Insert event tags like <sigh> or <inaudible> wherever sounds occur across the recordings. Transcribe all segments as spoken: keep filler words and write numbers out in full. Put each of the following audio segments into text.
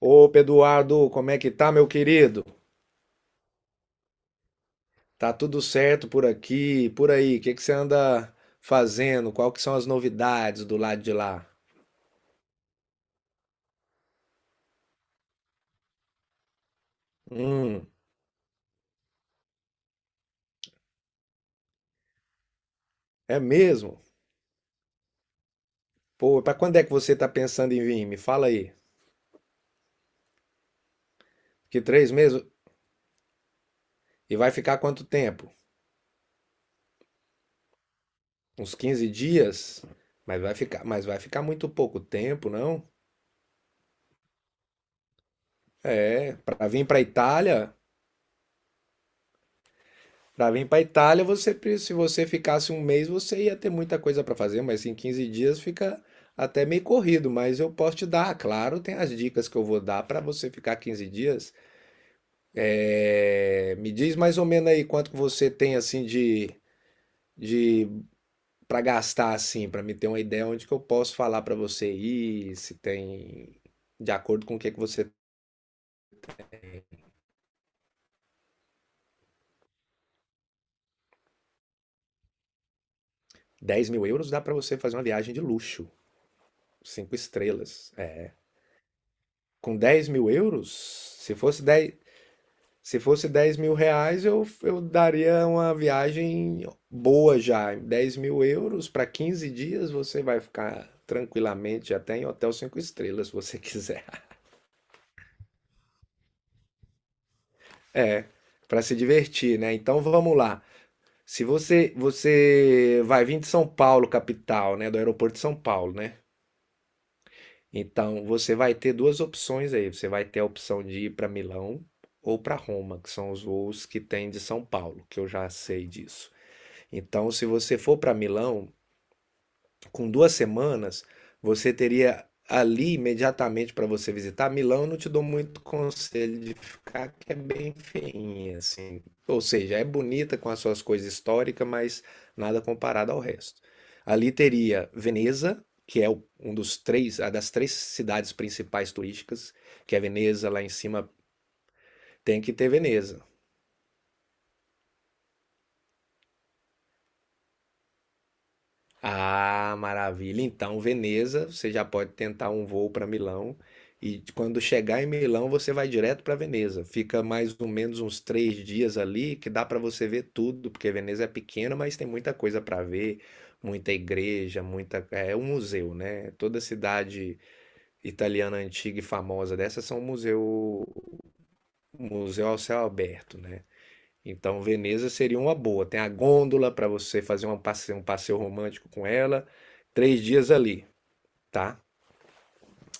Opa, Eduardo, como é que tá, meu querido? Tá tudo certo por aqui, por aí? O que que você anda fazendo? Qual que são as novidades do lado de lá? Hum, É mesmo? Pô, pra quando é que você tá pensando em vir? Me fala aí. Que três meses? E vai ficar quanto tempo? Uns quinze dias? Mas vai ficar, mas vai ficar muito pouco tempo, não? É, pra vir pra Itália? Para vir para Itália, você, pre- se você ficasse um mês, você ia ter muita coisa para fazer, mas em quinze dias fica até meio corrido. Mas eu posso te dar, claro, tem as dicas que eu vou dar para você ficar quinze dias. É, me diz mais ou menos aí quanto que você tem assim de, de para gastar assim, para me ter uma ideia onde que eu posso falar para você ir, se tem de acordo com o que que você... Dez mil euros dá para você fazer uma viagem de luxo, cinco estrelas. É. Com dez mil euros, se fosse dez se fosse dez mil reais, eu, eu daria uma viagem boa já. Dez mil euros para quinze dias, você vai ficar tranquilamente até em hotel cinco estrelas, se você quiser. <laughs> É, para se divertir, né? Então vamos lá. Se você, você vai vir de São Paulo, capital, né? Do aeroporto de São Paulo, né? Então você vai ter duas opções aí. Você vai ter a opção de ir para Milão ou para Roma, que são os voos que tem de São Paulo, que eu já sei disso. Então, se você for para Milão, com duas semanas, você teria ali imediatamente para você visitar. Milão, eu não te dou muito conselho de ficar, que é bem feinha, assim. Ou seja, é bonita com as suas coisas históricas, mas nada comparado ao resto. Ali teria Veneza, que é o- um dos três, a das três cidades principais turísticas, que é Veneza, lá em cima. Tem que ter Veneza. Ah, maravilha. Então, Veneza, você já pode tentar um voo para Milão. E quando chegar em Milão, você vai direto para Veneza. Fica mais ou menos uns três dias ali, que dá para você ver tudo, porque Veneza é pequena, mas tem muita coisa para ver, muita igreja, muita. É é um museu, né? Toda cidade italiana antiga e famosa dessa são museu, museu ao céu aberto, né? Então, Veneza seria uma boa. Tem a gôndola para você fazer uma passe- um passeio romântico com ela. Três dias ali, tá?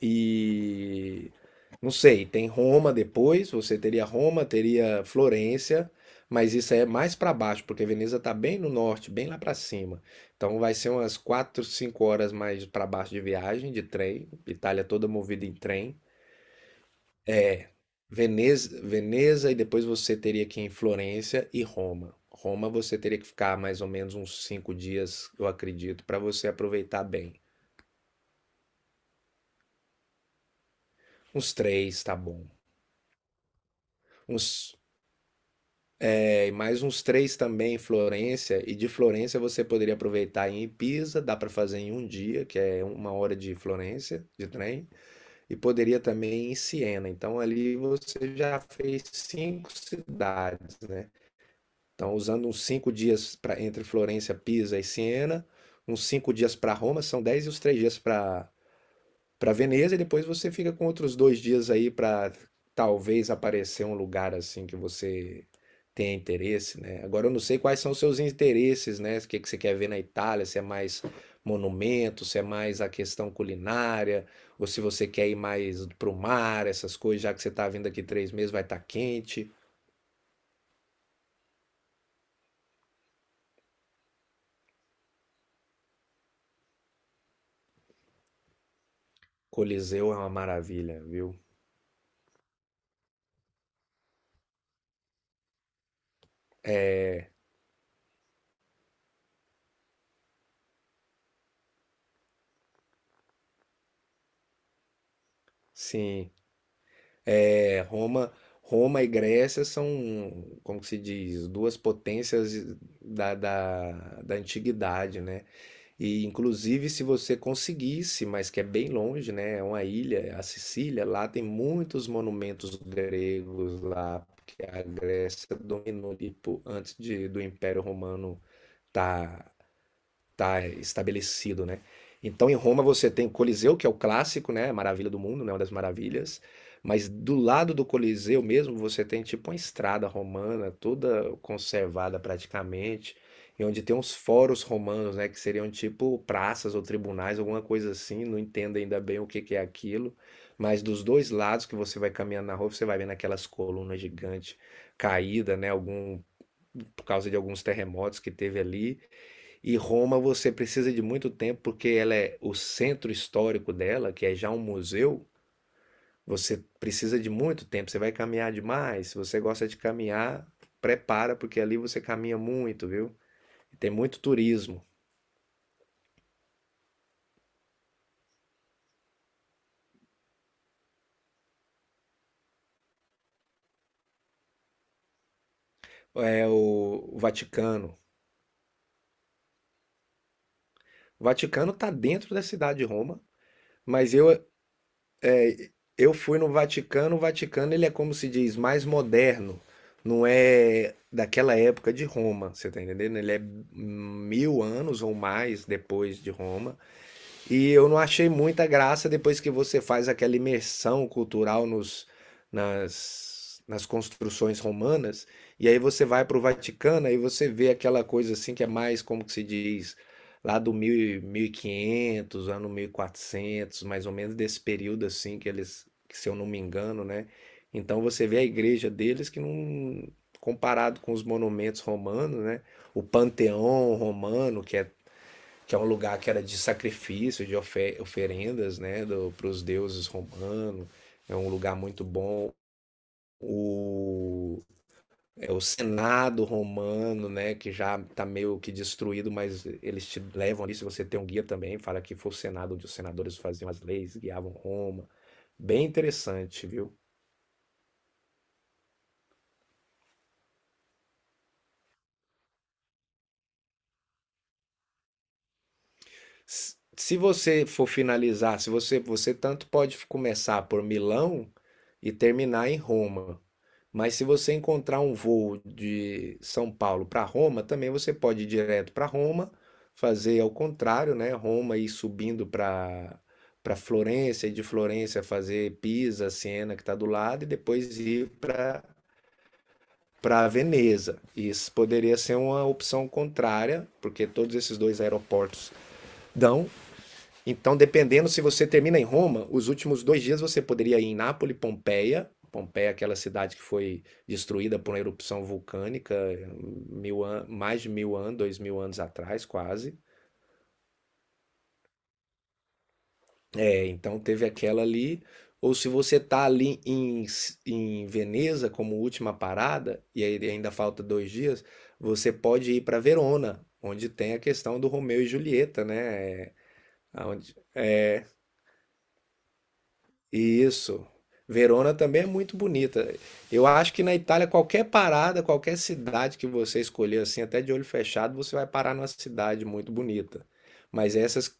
E não sei, tem Roma depois. Você teria Roma, teria Florença, mas isso aí é mais para baixo, porque Veneza tá bem no norte, bem lá para cima. Então, vai ser umas quatro, cinco horas mais para baixo de viagem de trem. Itália toda movida em trem. Veneza, Veneza e depois você teria que ir em Florença e Roma. Roma você teria que ficar mais ou menos uns cinco dias, eu acredito, para você aproveitar bem. Uns três, tá bom. Uns, é, e mais uns três também em Florença. E de Florença você poderia aproveitar em Pisa, dá para fazer em um dia, que é uma hora de Florença de trem. E poderia também em Siena. Então ali você já fez cinco cidades, né? Então, usando uns cinco dias para entre Florença, Pisa e Siena, uns cinco dias para Roma, são dez, e os três dias para para Veneza, e depois você fica com outros dois dias aí para talvez aparecer um lugar assim que você tenha interesse, né? Agora eu não sei quais são os seus interesses, né? O que que você quer ver na Itália, se é mais monumento, se é mais a questão culinária, ou se você quer ir mais pro mar, essas coisas, já que você tá vindo aqui três meses, vai estar quente. Coliseu é uma maravilha, viu? Sim. É, Roma, Roma e Grécia são, como que se diz, duas potências da, da, da antiguidade, né? E inclusive se você conseguisse, mas que é bem longe, né? É uma ilha, é a Sicília, lá tem muitos monumentos gregos lá, porque a Grécia dominou, tipo, antes de, do Império Romano tá tá eh, estabelecido, né? Então, em Roma, você tem o Coliseu, que é o clássico, né? A maravilha do mundo, né? Uma das maravilhas. Mas do lado do Coliseu mesmo, você tem tipo uma estrada romana, toda conservada praticamente, e onde tem uns foros romanos, né? Que seriam tipo praças ou tribunais, alguma coisa assim. Não entendo ainda bem o que que é aquilo. Mas dos dois lados que você vai caminhando na rua, você vai vendo aquelas colunas gigantes caídas, né? Algum, por causa de alguns terremotos que teve ali. E Roma você precisa de muito tempo porque ela é o centro histórico dela, que é já um museu. Você precisa de muito tempo. Você vai caminhar demais. Se você gosta de caminhar, prepara porque ali você caminha muito, viu? E tem muito turismo. É o Vaticano. O Vaticano está dentro da cidade de Roma, mas eu É, eu fui no Vaticano. O Vaticano ele é, como se diz, mais moderno, não é daquela época de Roma, você tá entendendo? Ele é mil anos ou mais depois de Roma, e eu não achei muita graça depois que você faz aquela imersão cultural nos, nas, nas construções romanas, e aí você vai para o Vaticano, aí você vê aquela coisa assim que é mais, como que se diz, lá do mil e- mil e quinhentos, ano mil e quatrocentos mais ou menos, desse período assim que eles, que, se eu não me engano, né? Então você vê a igreja deles que não, comparado com os monumentos romanos, né? O Panteão romano, que é que é um lugar que era de sacrifício, de ofe- oferendas, né, para os deuses romanos. É um lugar muito bom. O, é o Senado romano, né, que já está meio que destruído, mas eles te levam ali. Se você tem um guia também, fala que foi o Senado onde os senadores faziam as leis, guiavam Roma. Bem interessante, viu? S- Se você for finalizar, se você, você tanto pode começar por Milão e terminar em Roma. Mas se você encontrar um voo de São Paulo para Roma, também você pode ir direto para Roma, fazer ao contrário, né? Roma e subindo para para Florença e de Florença fazer Pisa, Siena, que está do lado, e depois ir para para Veneza. Isso poderia ser uma opção contrária, porque todos esses dois aeroportos dão. Então, dependendo, se você termina em Roma, os últimos dois dias você poderia ir em Nápoles, Pompeia. Pompeia é aquela cidade que foi destruída por uma erupção vulcânica mil an- mais de mil anos, dois mil anos atrás, quase. É, então teve aquela ali. Ou se você tá ali em, S- em Veneza como última parada, e aí ainda falta dois dias, você pode ir para Verona, onde tem a questão do Romeu e Julieta, né? É. Aonde- Isso. Verona também é muito bonita. Eu acho que na Itália, qualquer parada, qualquer cidade que você escolher, assim, até de olho fechado, você vai parar numa cidade muito bonita. Mas essas.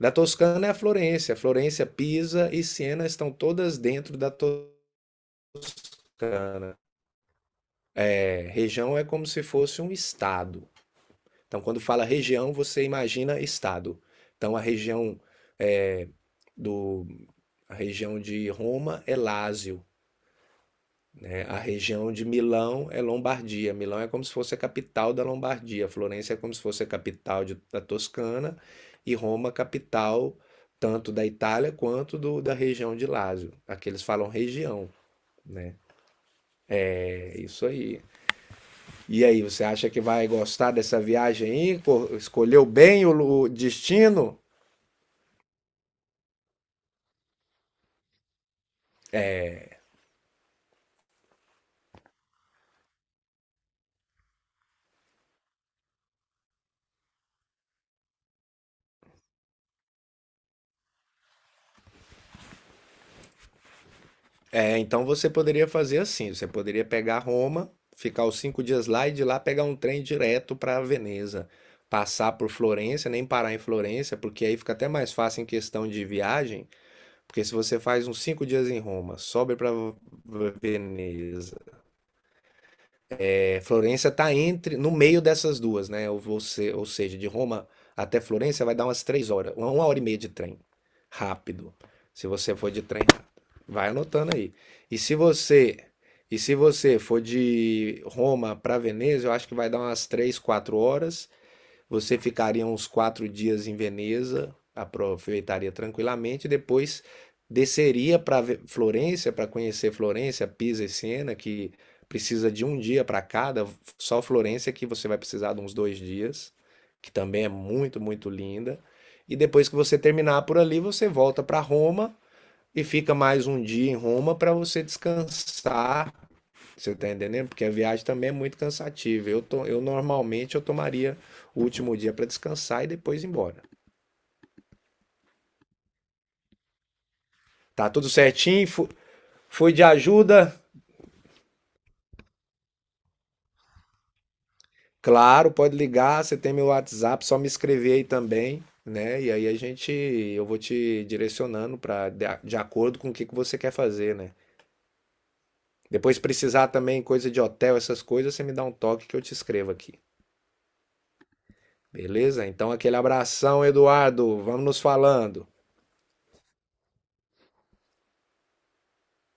Da Toscana é a Florença. Florença, Pisa e Siena estão todas dentro da Toscana. É, região é como se fosse um estado. Então, quando fala região, você imagina estado. Então, a região é, do. A região de Roma é Lácio, né? A região de Milão é Lombardia. Milão é como se fosse a capital da Lombardia. Florença é como se fosse a capital de- da Toscana, e Roma, capital tanto da Itália quanto do- da região de Lácio. Aqui eles falam região. É isso aí. E aí, você acha que vai gostar dessa viagem aí? Co- Escolheu bem o lu- o destino? É, então você poderia fazer assim, você poderia pegar Roma, ficar os cinco dias lá e de lá pegar um trem direto para Veneza, passar por Florença, nem parar em Florença, porque aí fica até mais fácil em questão de viagem, porque se você faz uns cinco dias em Roma, sobe para Veneza, é, Florença está entre no meio dessas duas, né? Ou, você, ou seja, de Roma até Florença vai dar umas três horas, uma uma hora e meia de trem, rápido. Se você for de trem, vai anotando aí. E se você e se você for de Roma para Veneza, eu acho que vai dar umas três, quatro horas. Você ficaria uns quatro dias em Veneza, aproveitaria tranquilamente, depois desceria para Florença, para conhecer Florença, Pisa e Siena, que precisa de um dia para cada. Só Florença que você vai precisar de uns dois dias, que também é muito, muito linda. E depois que você terminar por ali, você volta para Roma e fica mais um dia em Roma para você descansar, você tá entendendo? Porque a viagem também é muito cansativa. Eu, to- eu normalmente eu tomaria o último dia para descansar e depois ir embora. Tá tudo certinho? Fu- Fui de ajuda? Claro, pode ligar, você tem meu WhatsApp, só me escrever aí também, né? E aí a gente, eu vou te direcionando para de, de acordo com o que que você quer fazer, né? Depois se precisar também coisa de hotel, essas coisas, você me dá um toque que eu te escrevo aqui. Beleza? Então aquele abração, Eduardo. Vamos nos falando.